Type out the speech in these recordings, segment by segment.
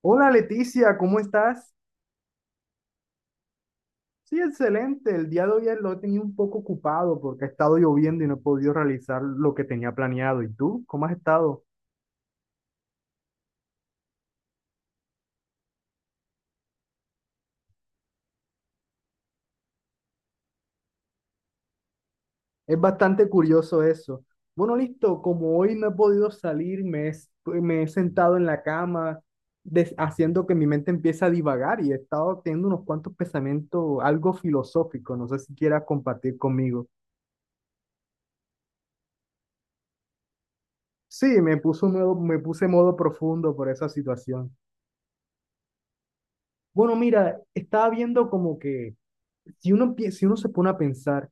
Hola Leticia, ¿cómo estás? Sí, excelente. El día de hoy lo he tenido un poco ocupado porque ha estado lloviendo y no he podido realizar lo que tenía planeado. ¿Y tú? ¿Cómo has estado? Es bastante curioso eso. Bueno, listo, como hoy no he podido salir, me he sentado en la cama, haciendo que mi mente empiece a divagar y he estado teniendo unos cuantos pensamientos algo filosóficos. No sé si quieras compartir conmigo. Sí, me puse modo profundo por esa situación. Bueno, mira, estaba viendo como que si uno se pone a pensar,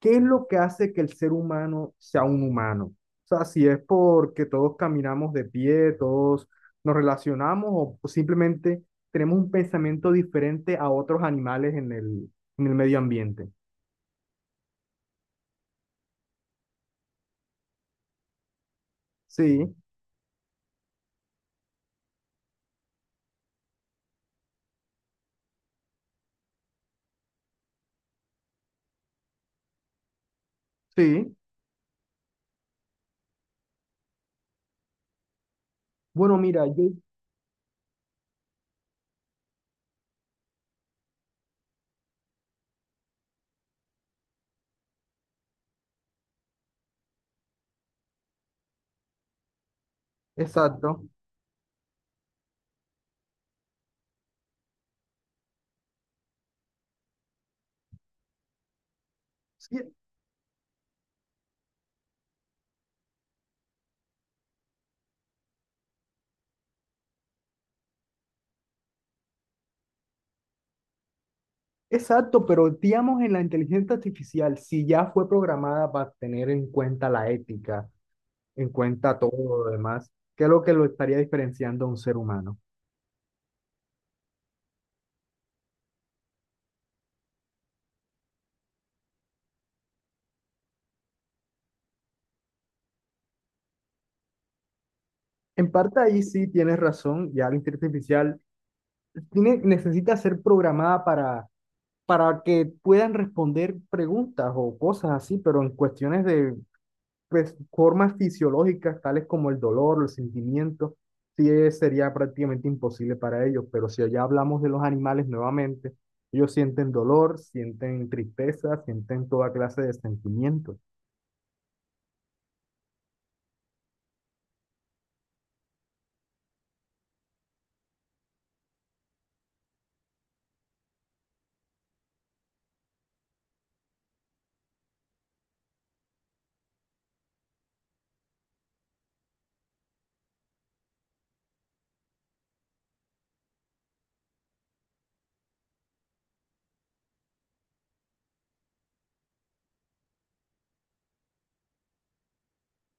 ¿qué es lo que hace que el ser humano sea un humano? O sea, si es porque todos caminamos de pie, todos nos relacionamos o simplemente tenemos un pensamiento diferente a otros animales en el medio ambiente. Sí, sí. Bueno, mira, yo, exacto. Sí, exacto, pero digamos en la inteligencia artificial, si ya fue programada para tener en cuenta la ética en cuenta todo lo demás, que es lo que lo estaría diferenciando a un ser humano. En parte ahí sí tienes razón, ya la inteligencia artificial necesita ser programada para que puedan responder preguntas o cosas así, pero en cuestiones de pues, formas fisiológicas, tales como el dolor, los sentimientos, sí, sería prácticamente imposible para ellos, pero si ya hablamos de los animales nuevamente, ellos sienten dolor, sienten tristeza, sienten toda clase de sentimientos.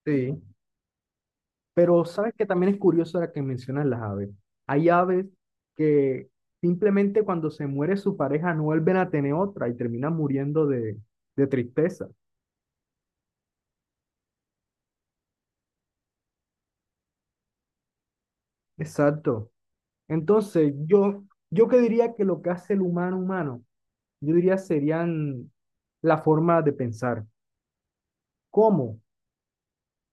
Sí. Pero sabes que también es curioso ahora que mencionas las aves. Hay aves que simplemente cuando se muere su pareja no vuelven a tener otra y terminan muriendo de tristeza. Exacto. Entonces, yo que diría que lo que hace el humano humano, yo diría serían la forma de pensar. ¿Cómo?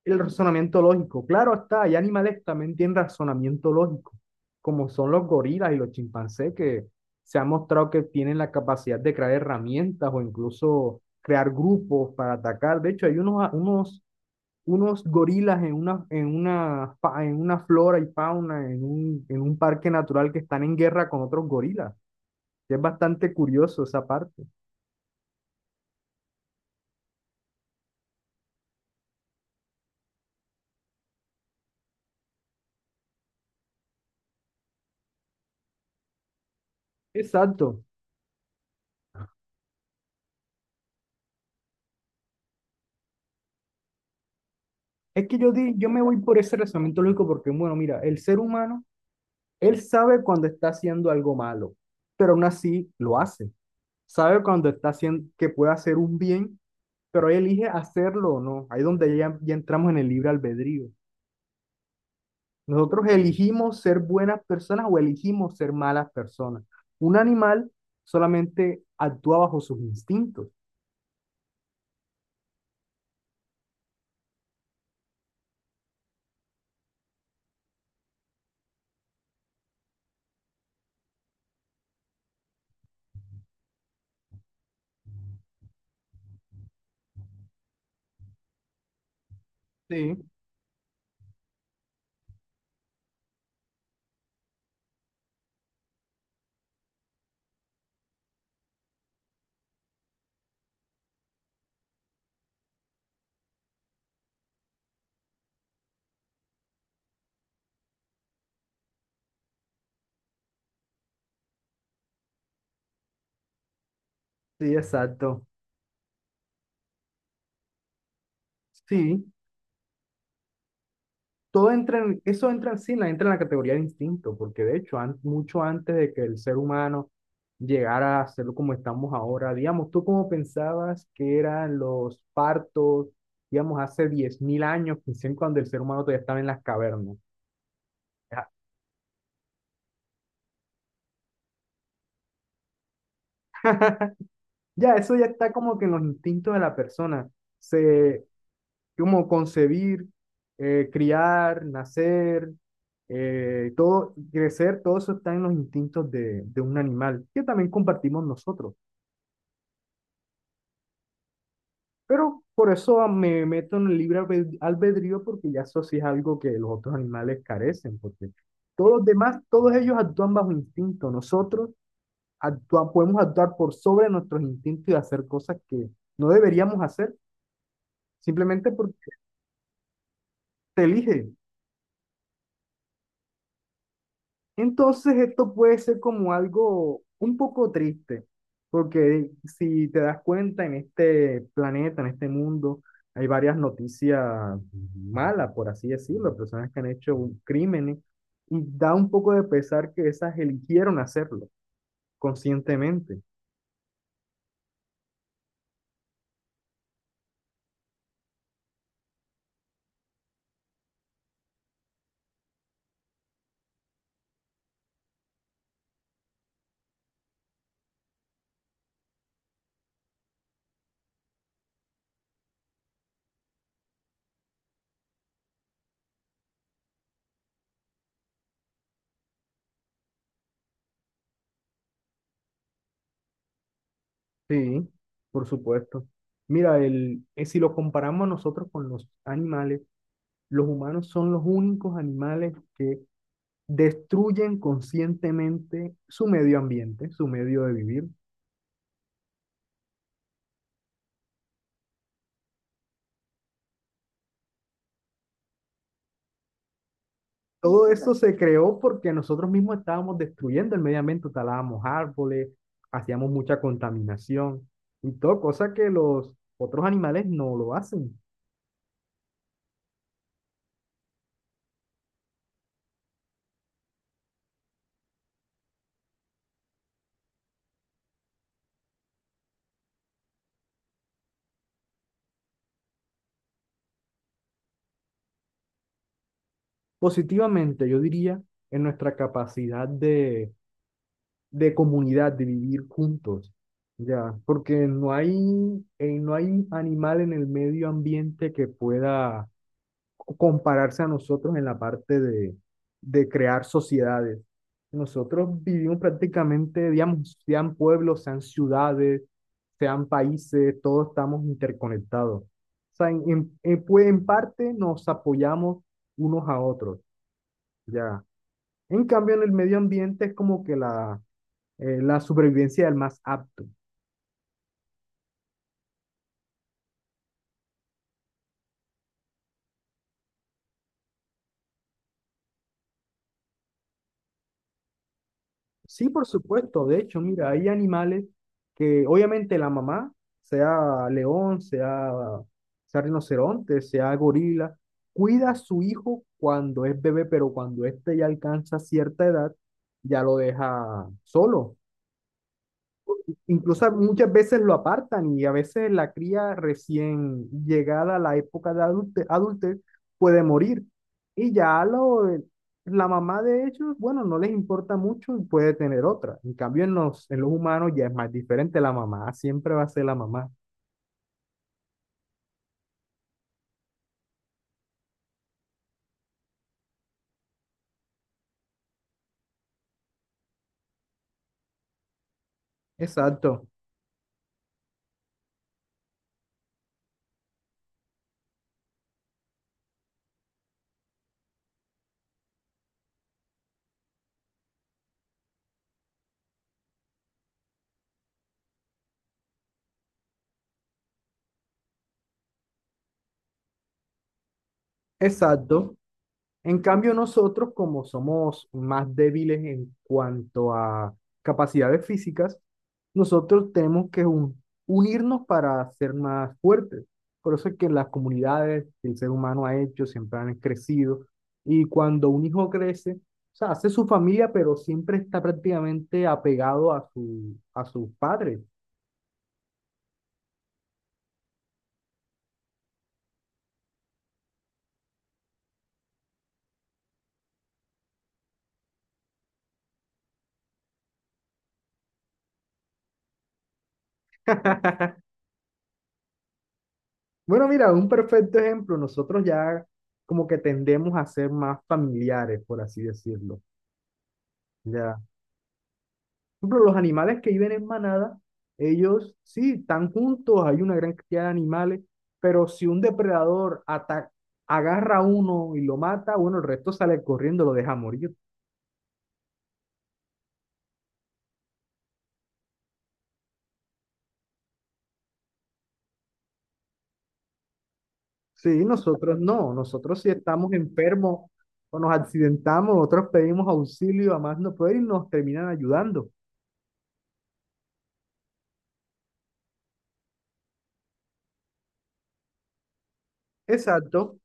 El razonamiento lógico. Claro está, hay animales que también tienen razonamiento lógico, como son los gorilas y los chimpancés, que se ha mostrado que tienen la capacidad de crear herramientas o incluso crear grupos para atacar. De hecho, hay unos gorilas en una flora y fauna, en un parque natural que están en guerra con otros gorilas. Es bastante curioso esa parte. Exacto. Es que yo me voy por ese razonamiento lógico porque, bueno, mira, el ser humano él sabe cuando está haciendo algo malo, pero aún así lo hace. Sabe cuando está haciendo que puede hacer un bien, pero él elige hacerlo o no. Ahí es donde ya entramos en el libre albedrío. Nosotros elegimos ser buenas personas o elegimos ser malas personas. Un animal solamente actúa bajo sus instintos. Sí, sí, exacto. Sí, todo entra en, eso entra en sí, entra en la categoría de instinto, porque de hecho, mucho antes de que el ser humano llegara a serlo como estamos ahora, digamos, ¿tú cómo pensabas que eran los partos, digamos, hace 10.000 años, quizás cuando el ser humano todavía estaba en las cavernas? Ya, eso ya está como que en los instintos de la persona. Se, como concebir, criar, nacer, todo, crecer, todo eso está en los instintos de un animal, que también compartimos nosotros. Pero por eso me meto en el libre albedrío, porque ya eso sí es algo que los otros animales carecen, porque todos los demás, todos ellos actúan bajo instinto. Nosotros podemos actuar por sobre nuestros instintos y hacer cosas que no deberíamos hacer, simplemente porque te elige. Entonces esto puede ser como algo un poco triste, porque si te das cuenta en este planeta, en este mundo, hay varias noticias malas, por así decirlo, personas que han hecho crímenes, y da un poco de pesar que esas eligieron hacerlo conscientemente. Sí, por supuesto. Mira, el, si lo comparamos nosotros con los animales, los humanos son los únicos animales que destruyen conscientemente su medio ambiente, su medio de vivir. Todo eso se creó porque nosotros mismos estábamos destruyendo el medio ambiente, talábamos árboles, hacíamos mucha contaminación y todo, cosa que los otros animales no lo hacen. Positivamente, yo diría, en nuestra capacidad de comunidad, de vivir juntos. Ya, porque no hay, no hay animal en el medio ambiente que pueda compararse a nosotros en la parte de crear sociedades. Nosotros vivimos prácticamente, digamos, sean pueblos, sean ciudades, sean países, todos estamos interconectados. O sea, pues, en parte nos apoyamos unos a otros, ya. En cambio, en el medio ambiente es como que la supervivencia del más apto. Sí, por supuesto. De hecho, mira, hay animales que obviamente la mamá, sea león, sea, sea rinoceronte, sea gorila, cuida a su hijo cuando es bebé, pero cuando éste ya alcanza cierta edad, ya lo deja solo. Incluso muchas veces lo apartan y a veces la cría recién llegada a la época de adultez puede morir. Y ya lo, la mamá de ellos, bueno, no les importa mucho y puede tener otra. En cambio, en los humanos ya es más diferente. La mamá siempre va a ser la mamá. Exacto, exacto. En cambio, nosotros, como somos más débiles en cuanto a capacidades físicas, nosotros tenemos que unirnos para ser más fuertes. Por eso es que las comunidades que el ser humano ha hecho siempre han crecido. Y cuando un hijo crece, o sea, hace su familia, pero siempre está prácticamente apegado a a sus padres. Bueno, mira, un perfecto ejemplo. Nosotros ya como que tendemos a ser más familiares, por así decirlo. Ya. Por ejemplo, los animales que viven en manada, ellos sí están juntos, hay una gran cantidad de animales, pero si un depredador agarra a uno y lo mata, bueno, el resto sale corriendo, lo deja morir. Sí, nosotros no, nosotros si estamos enfermos o nos accidentamos, nosotros pedimos auxilio a más no poder y nos terminan ayudando. Exacto,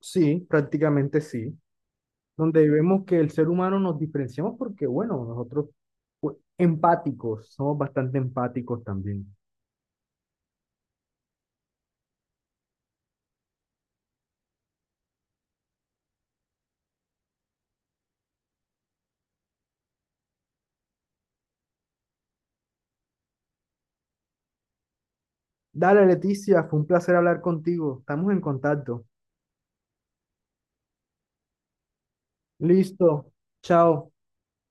sí, prácticamente sí. Donde vemos que el ser humano nos diferenciamos porque, bueno, nosotros pues, empáticos, somos bastante empáticos también. Dale, Leticia, fue un placer hablar contigo. Estamos en contacto. Listo. Chao.